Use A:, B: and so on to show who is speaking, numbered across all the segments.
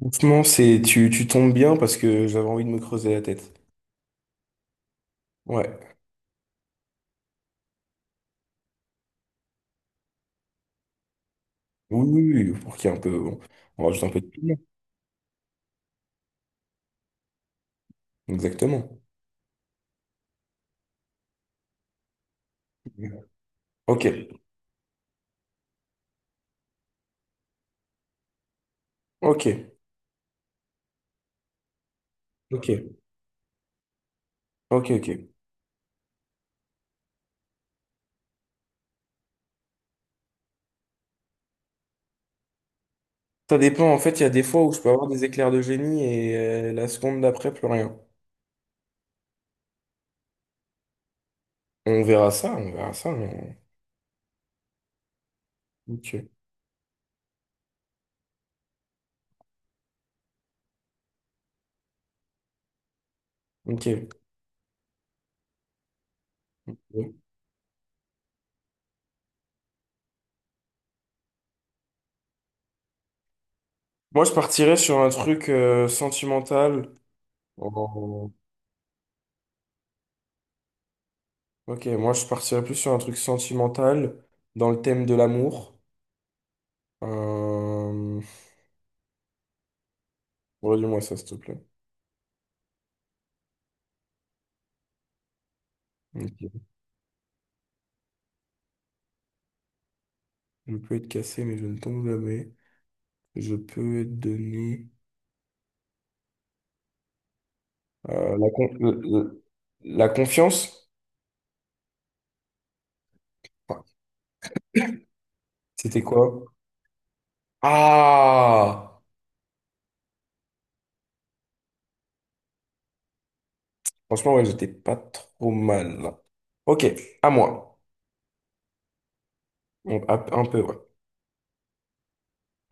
A: Franchement, c'est tu tombes bien parce que j'avais envie de me creuser la tête. Ouais. Oui, oui, oui, pour qu'il y ait un peu. Bon, on rajoute un peu de piment. Exactement. Ok, ok, ok, ok, ok. Ça dépend, en fait, il y a des fois où je peux avoir des éclairs de génie et la seconde d'après, plus rien. On verra ça, on verra ça. Ok, ok. Ouais. Moi, je partirais sur un truc sentimental. Oh, ok, moi, je partirais plus sur un truc sentimental dans le thème de l'amour. Euh, Redis-moi ça, s'il te plaît. Ok. Je peux être cassé, mais je ne tombe jamais. Je peux être donné. euh, la, con- le- le- la confiance? Enfin, c'était quoi? Ah! Franchement, ouais, j'étais pas trop mal là. Ok, à moi. Bon, un peu, ouais.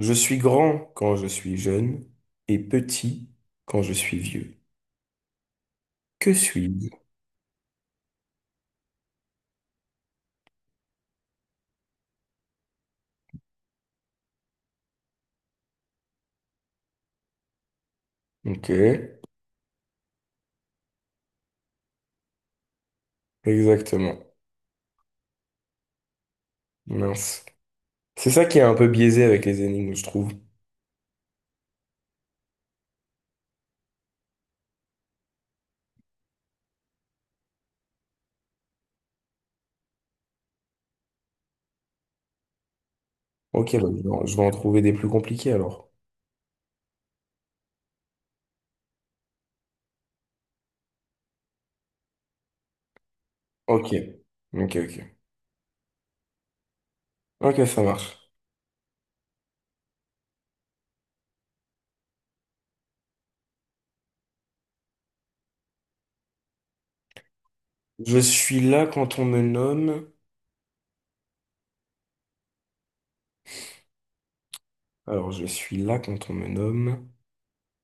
A: Je suis grand quand je suis jeune et petit quand je suis vieux. Que suis-je? Ok, exactement. Mince. C'est ça qui est un peu biaisé avec les énigmes, je trouve. Ok, bah, je vais en trouver des plus compliqués alors. Ok. Ok, ok. Ok, ça marche. Je suis là quand on me nomme. Alors, je suis là quand on me nomme,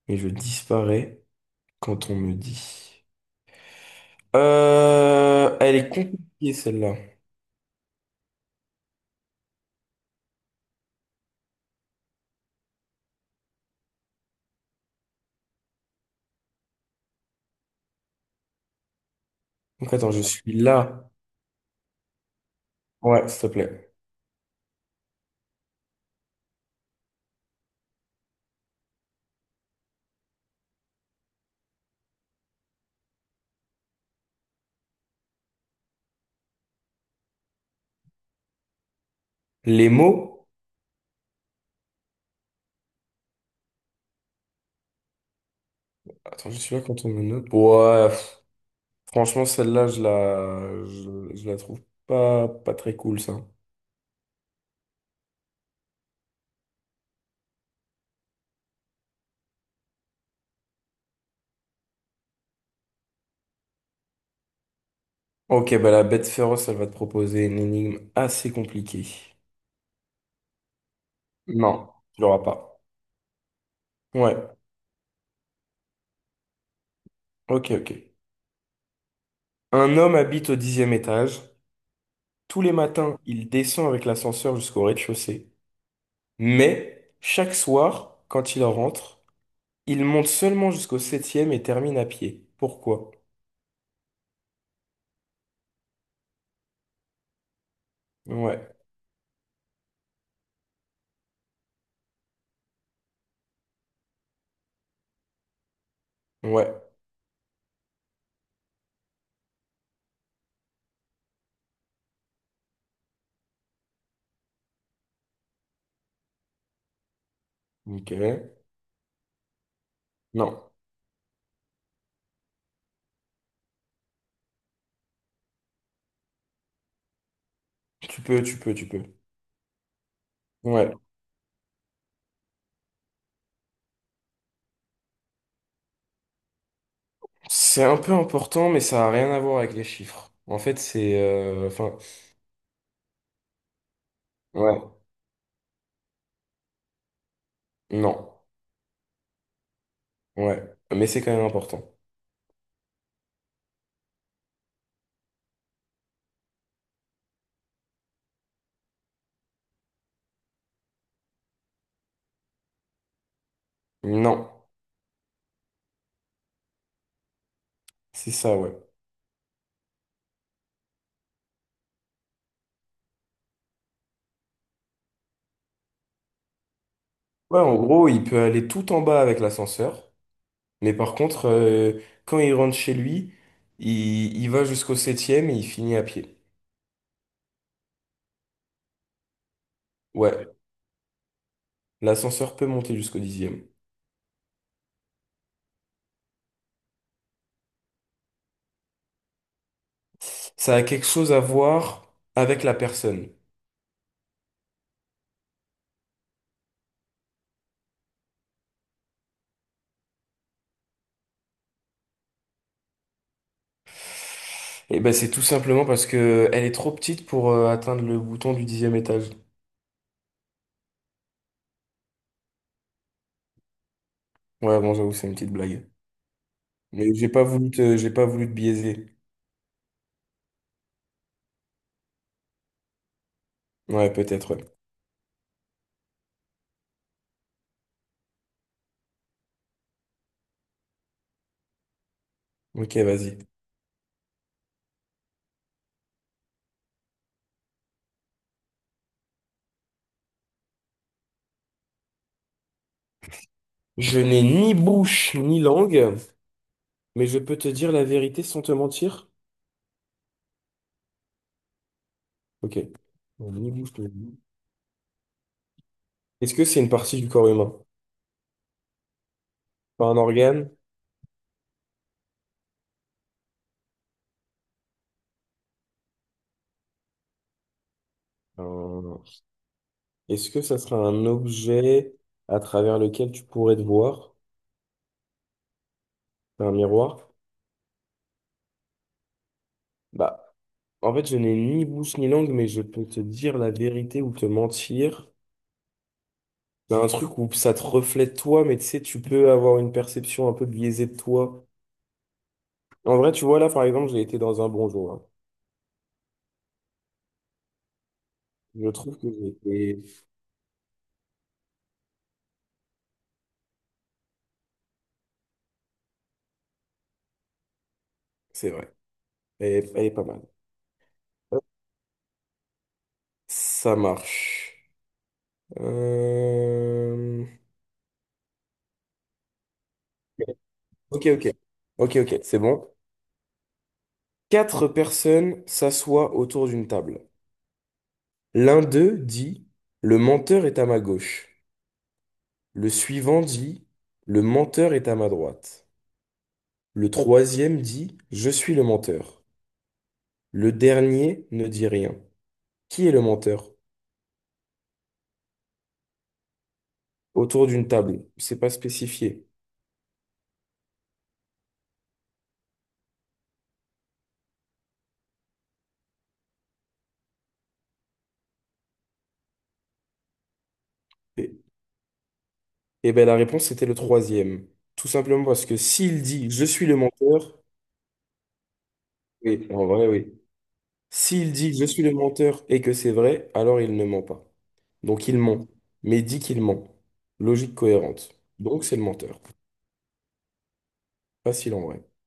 A: mais je disparais quand on me dit. Elle est compliquée celle-là. Donc, attends, je suis là. Ouais, s'il te plaît. Les mots. Attends, je suis là quand on me nomme. Ouais, pff, franchement, celle-là, je la trouve pas, pas très cool, ça. Ok, bah la bête féroce, elle va te proposer une énigme assez compliquée. Non, tu l'auras pas. Ouais, ok, ok. Un homme habite au dixième étage. Tous les matins, il descend avec l'ascenseur jusqu'au rez-de-chaussée. Mais chaque soir, quand il rentre, il monte seulement jusqu'au septième et termine à pied. Pourquoi? Ouais, ouais. Ok. Non, tu peux, tu peux, tu peux. Ouais. C'est un peu important, mais ça n'a rien à voir avec les chiffres. En fait, enfin, ouais. Non. Ouais. Mais c'est quand même important. Non. C'est ça, ouais. Ouais, en gros, il peut aller tout en bas avec l'ascenseur, mais par contre, quand il rentre chez lui, il va jusqu'au septième et il finit à pied. Ouais, l'ascenseur peut monter jusqu'au dixième. Ça a quelque chose à voir avec la personne. Et ben, c'est tout simplement parce que elle est trop petite pour atteindre le bouton du dixième étage. Ouais, bon, j'avoue, c'est une petite blague. Mais j'ai pas voulu te biaiser. Ouais, peut-être, ouais. Ok, vas-y. Je n'ai ni bouche ni langue. Mais je peux te dire la vérité sans te mentir? Ok. On y bouge, je te le. Est-ce que c'est une partie du corps humain? Pas un organe? Un- Est-ce que ça sera un objet à travers lequel tu pourrais te voir? C'est un miroir? Bah, en fait, je n'ai ni bouche ni langue, mais je peux te dire la vérité ou te mentir. C'est un truc où ça te reflète toi, mais tu sais, tu peux avoir une perception un peu biaisée de toi. En vrai, tu vois, là, par exemple, j'ai été dans un bonjour. Hein. Je trouve que j'ai été... C'est vrai. Elle est pas mal. Ça marche. Euh, Ok, ok. Ok, ok, c'est bon. Quatre personnes s'assoient autour d'une table. L'un d'eux dit, le menteur est à ma gauche. Le suivant dit, le menteur est à ma droite. Le troisième dit, je suis le menteur. Le dernier ne dit rien. Qui est le menteur? Autour d'une table. C'est pas spécifié. Et, et ben la réponse c'était le troisième. Tout simplement parce que s'il dit, je suis le menteur, oui, en vrai, oui. S'il dit je suis le menteur et que c'est vrai, alors il ne ment pas. Donc il ment, mais il dit qu'il ment. Logique cohérente. Donc c'est le menteur. Facile en vrai.